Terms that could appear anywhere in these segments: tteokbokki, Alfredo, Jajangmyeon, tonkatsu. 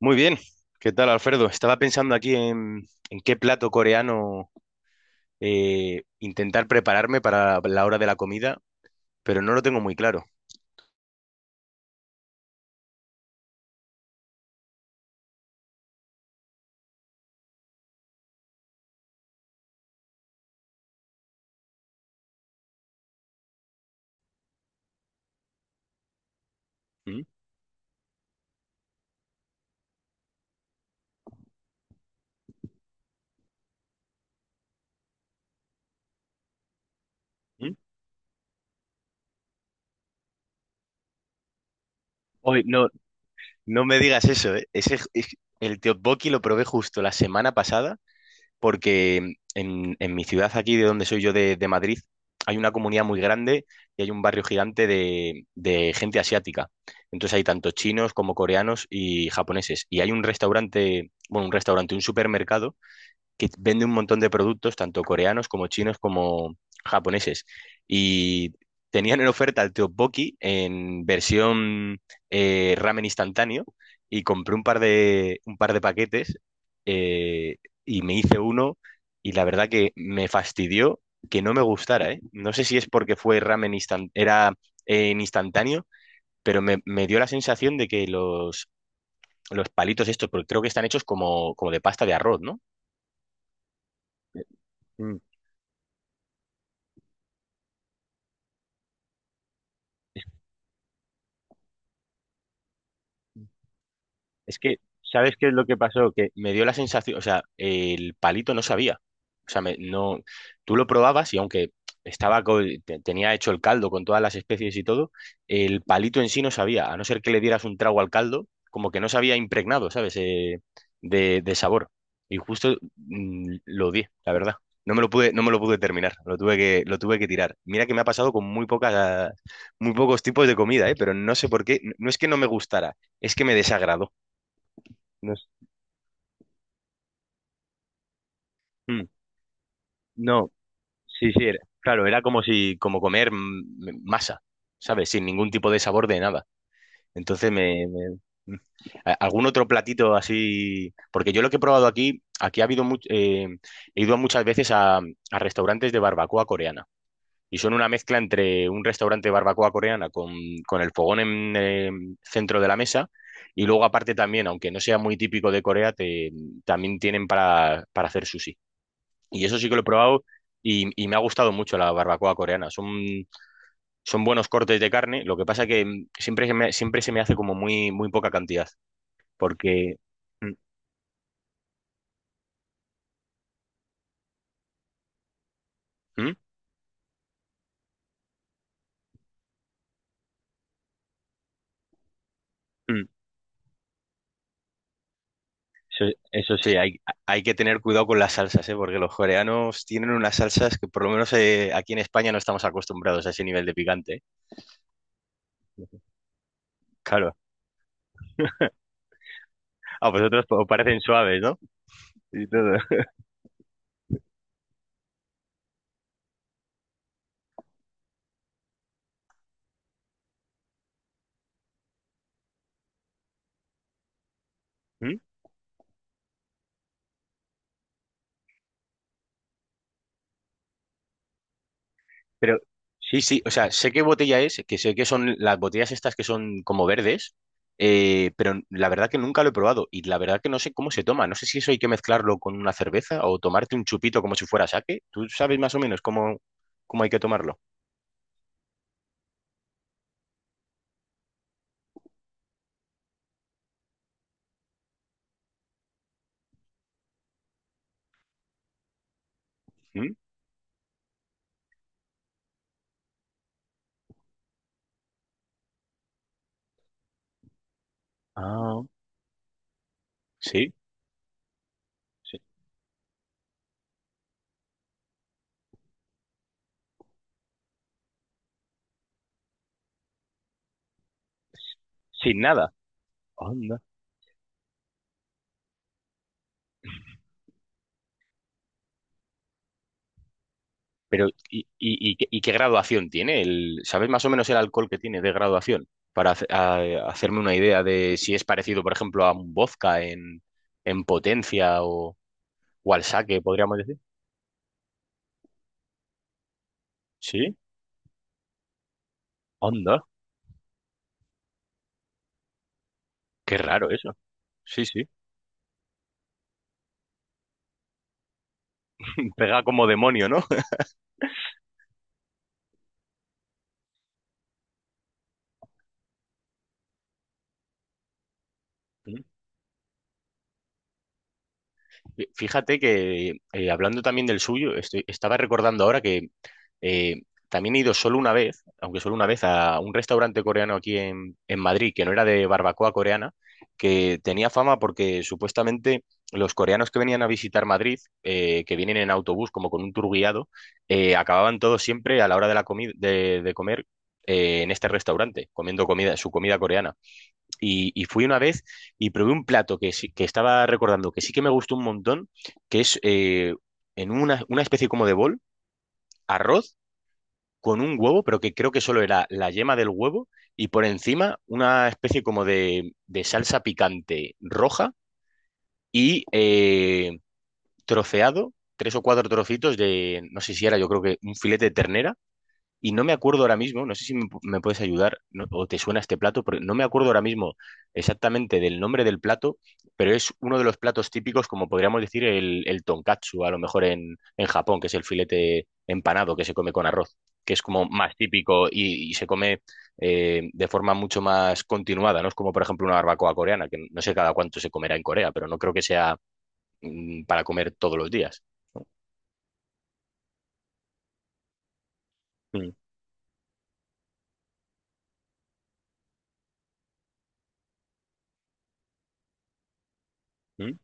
Muy bien, ¿qué tal, Alfredo? Estaba pensando aquí en qué plato coreano intentar prepararme para la hora de la comida, pero no lo tengo muy claro. ¿Mm? ¿Mm? Oye, no, no me digas eso, ¿eh? El tteokbokki lo probé justo la semana pasada, porque en mi ciudad aquí, de donde soy yo, de Madrid, hay una comunidad muy grande y hay un barrio gigante de gente asiática. Entonces hay tanto chinos como coreanos y japoneses. Y hay un restaurante, bueno, un restaurante, un supermercado que vende un montón de productos, tanto coreanos como chinos como japoneses. Y tenían en oferta el tteokbokki en versión ramen instantáneo y compré un par de paquetes eh, y me hice uno y la verdad que me fastidió que no me gustara, ¿eh? No sé si es porque era en instantáneo, pero me dio la sensación de que los palitos estos, porque creo que están hechos como de pasta de arroz, ¿no? Es que, ¿sabes qué es lo que pasó? Que me dio la sensación, o sea, el palito no sabía. O sea, no, tú lo probabas y aunque tenía hecho el caldo con todas las especies y todo, el palito en sí no sabía, a no ser que le dieras un trago al caldo, como que no se había impregnado, ¿sabes? De sabor. Y justo lo di, la verdad. No me lo pude terminar, lo tuve que tirar. Mira que me ha pasado con muy pocas, muy pocos tipos de comida, ¿eh? Pero no sé por qué, no es que no me gustara, es que me desagradó. No, mm, no, sí, sí, claro, era como si, como comer masa, ¿sabes? Sin ningún tipo de sabor de nada. Entonces me, me- mm. A- ¿Algún otro platito así? Porque yo lo que he probado aquí, he ido muchas veces a restaurantes de barbacoa coreana. Y son una mezcla entre un restaurante de barbacoa coreana con el fogón en centro de la mesa. Y luego aparte también, aunque no sea muy típico de Corea, también tienen para hacer sushi. Y eso sí que lo he probado y me ha gustado mucho la barbacoa coreana. Son, son buenos cortes de carne. Lo que pasa que siempre se me hace como muy, muy poca cantidad. Porque. Mm, mm, mm. Eso, eso sí, hay que tener cuidado con las salsas, ¿eh? Porque los coreanos tienen unas salsas que por lo menos aquí en España no estamos acostumbrados a ese nivel de picante, ¿eh? Claro. A vosotros os parecen suaves, ¿no? Y todo. Pero sí, sí, o sea, sé qué botella es, que sé que son las botellas estas que son como verdes, pero la verdad que nunca lo he probado y la verdad que no sé cómo se toma. No sé si eso hay que mezclarlo con una cerveza o tomarte un chupito como si fuera sake. ¿Tú sabes más o menos cómo, cómo hay que tomarlo? ¿Mm? Ah, sí, sí. Sin nada. Pero, ¿y qué y qué graduación tiene? El, ¿sabes más o menos el alcohol que tiene de graduación? Para hacerme una idea de si es parecido, por ejemplo, a un vodka en potencia o al sake, podríamos decir. Sí, onda, qué raro eso. Sí, sí. Pega como demonio, ¿no? Fíjate que hablando también del suyo, estaba recordando ahora que eh, también he ido solo una vez, aunque solo una vez, a un restaurante coreano aquí en Madrid, que no era de barbacoa coreana, que tenía fama porque supuestamente los coreanos que venían a visitar Madrid, que vienen en autobús como con un tour guiado, acababan todos siempre a la hora de la comida de comer en este restaurante, comiendo comida, su comida coreana. Y fui una vez y probé un plato que estaba recordando que sí que me gustó un montón, que es una especie como de bol, arroz con un huevo, pero que creo que solo era la yema del huevo y por encima una especie como de salsa picante roja y troceado, tres o cuatro trocitos de, no sé si era, yo creo que un filete de ternera y no me acuerdo ahora mismo, no sé si me puedes ayudar o te suena este plato, porque no me acuerdo ahora mismo exactamente del nombre del plato, pero es uno de los platos típicos, como podríamos decir, el tonkatsu, a lo mejor en Japón, que es el filete empanado que se come con arroz, que es como más típico y se come de forma mucho más continuada, ¿no? Es como, por ejemplo, una barbacoa coreana, que no sé cada cuánto se comerá en Corea, pero no creo que sea para comer todos los días. Mm, mm.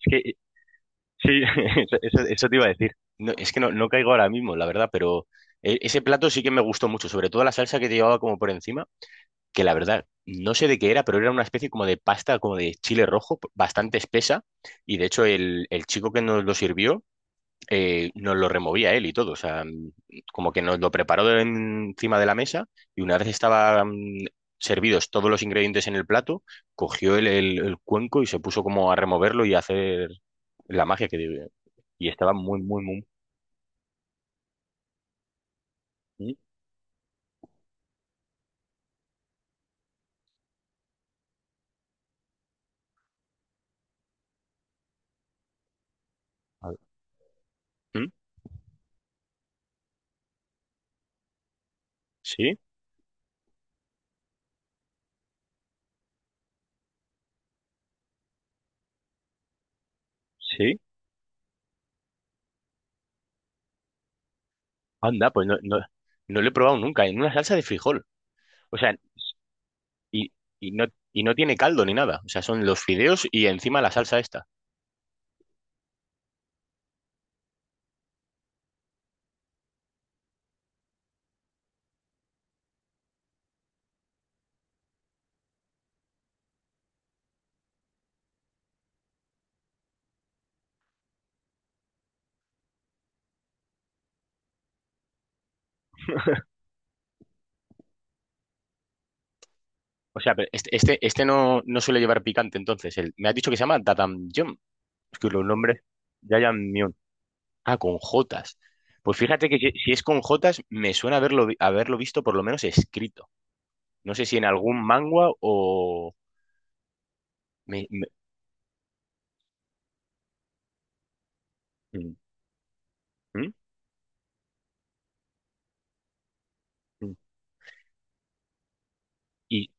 Es que sí, eso, eso te iba a decir. No, es que no, no caigo ahora mismo, la verdad, pero ese plato sí que me gustó mucho, sobre todo la salsa que te llevaba como por encima, que la verdad, no sé de qué era, pero era una especie como de pasta, como de chile rojo, bastante espesa, y de hecho el chico que nos lo sirvió nos lo removía él y todo, o sea, como que nos lo preparó encima de la mesa y una vez estaban servidos todos los ingredientes en el plato, cogió el cuenco y se puso como a removerlo y a hacer la magia que debe. Y estaba muy, muy, muy... ¿Mm? A ver, ¿Mm? ¿Sí? ¿Sí? Anda, pues no, no, no lo he probado nunca, en una salsa de frijol, o sea, y, y no, y no tiene caldo ni nada, o sea, son los fideos y encima la salsa esta. O sea, pero este no, no suele llevar picante, entonces. El, me has dicho que se llama Dadanjon. Es que los nombres. Jajangmyeon. Ah, con Jotas. Pues fíjate que si, si es con Jotas, me suena haberlo, haberlo visto por lo menos escrito. No sé si en algún manga o. me- me- mm, mm, mm. Y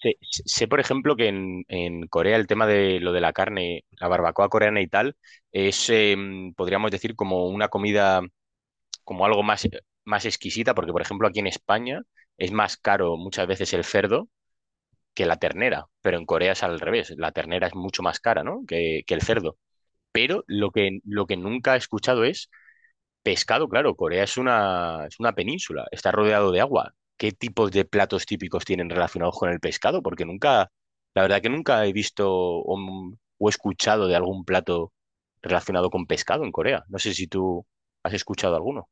sé, sé, por ejemplo, que en Corea el tema de lo de la carne, la barbacoa coreana y tal, es, podríamos decir, como una comida. Como algo más, más exquisita, porque por ejemplo aquí en España es más caro muchas veces el cerdo que la ternera, pero en Corea es al revés, la ternera es mucho más cara, ¿no? Que el cerdo. Pero lo que nunca he escuchado es pescado, claro, Corea es una península, está rodeado de agua. ¿Qué tipos de platos típicos tienen relacionados con el pescado? Porque nunca, la verdad que nunca he visto o escuchado de algún plato relacionado con pescado en Corea. No sé si tú has escuchado alguno.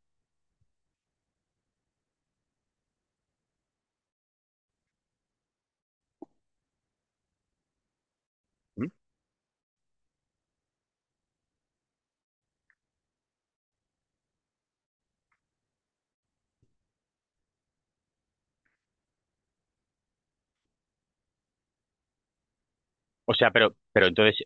O sea, pero entonces,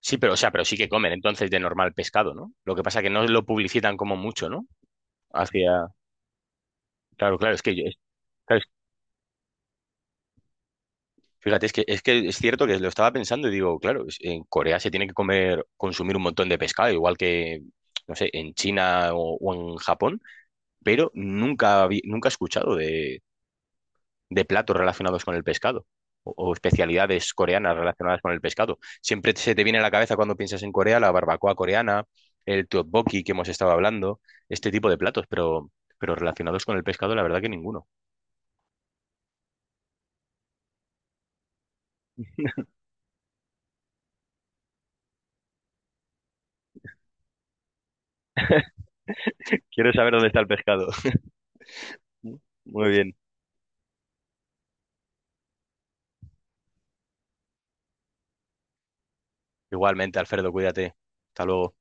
sí, pero, o sea, pero sí que comen entonces de normal pescado, ¿no? Lo que pasa que no lo publicitan como mucho, ¿no? Hacia, claro, claro, es que, claro, fíjate, es que, es que es cierto que lo estaba pensando y digo, claro, en Corea se tiene que comer, consumir un montón de pescado, igual que, no sé, en China o en Japón, pero nunca, nunca he escuchado de platos relacionados con el pescado o especialidades coreanas relacionadas con el pescado. Siempre se te viene a la cabeza cuando piensas en Corea la barbacoa coreana, el tteokbokki que hemos estado hablando, este tipo de platos, pero relacionados con el pescado, la verdad que ninguno. Quiero saber dónde está el pescado. Muy bien. Igualmente, Alfredo, cuídate. Hasta luego.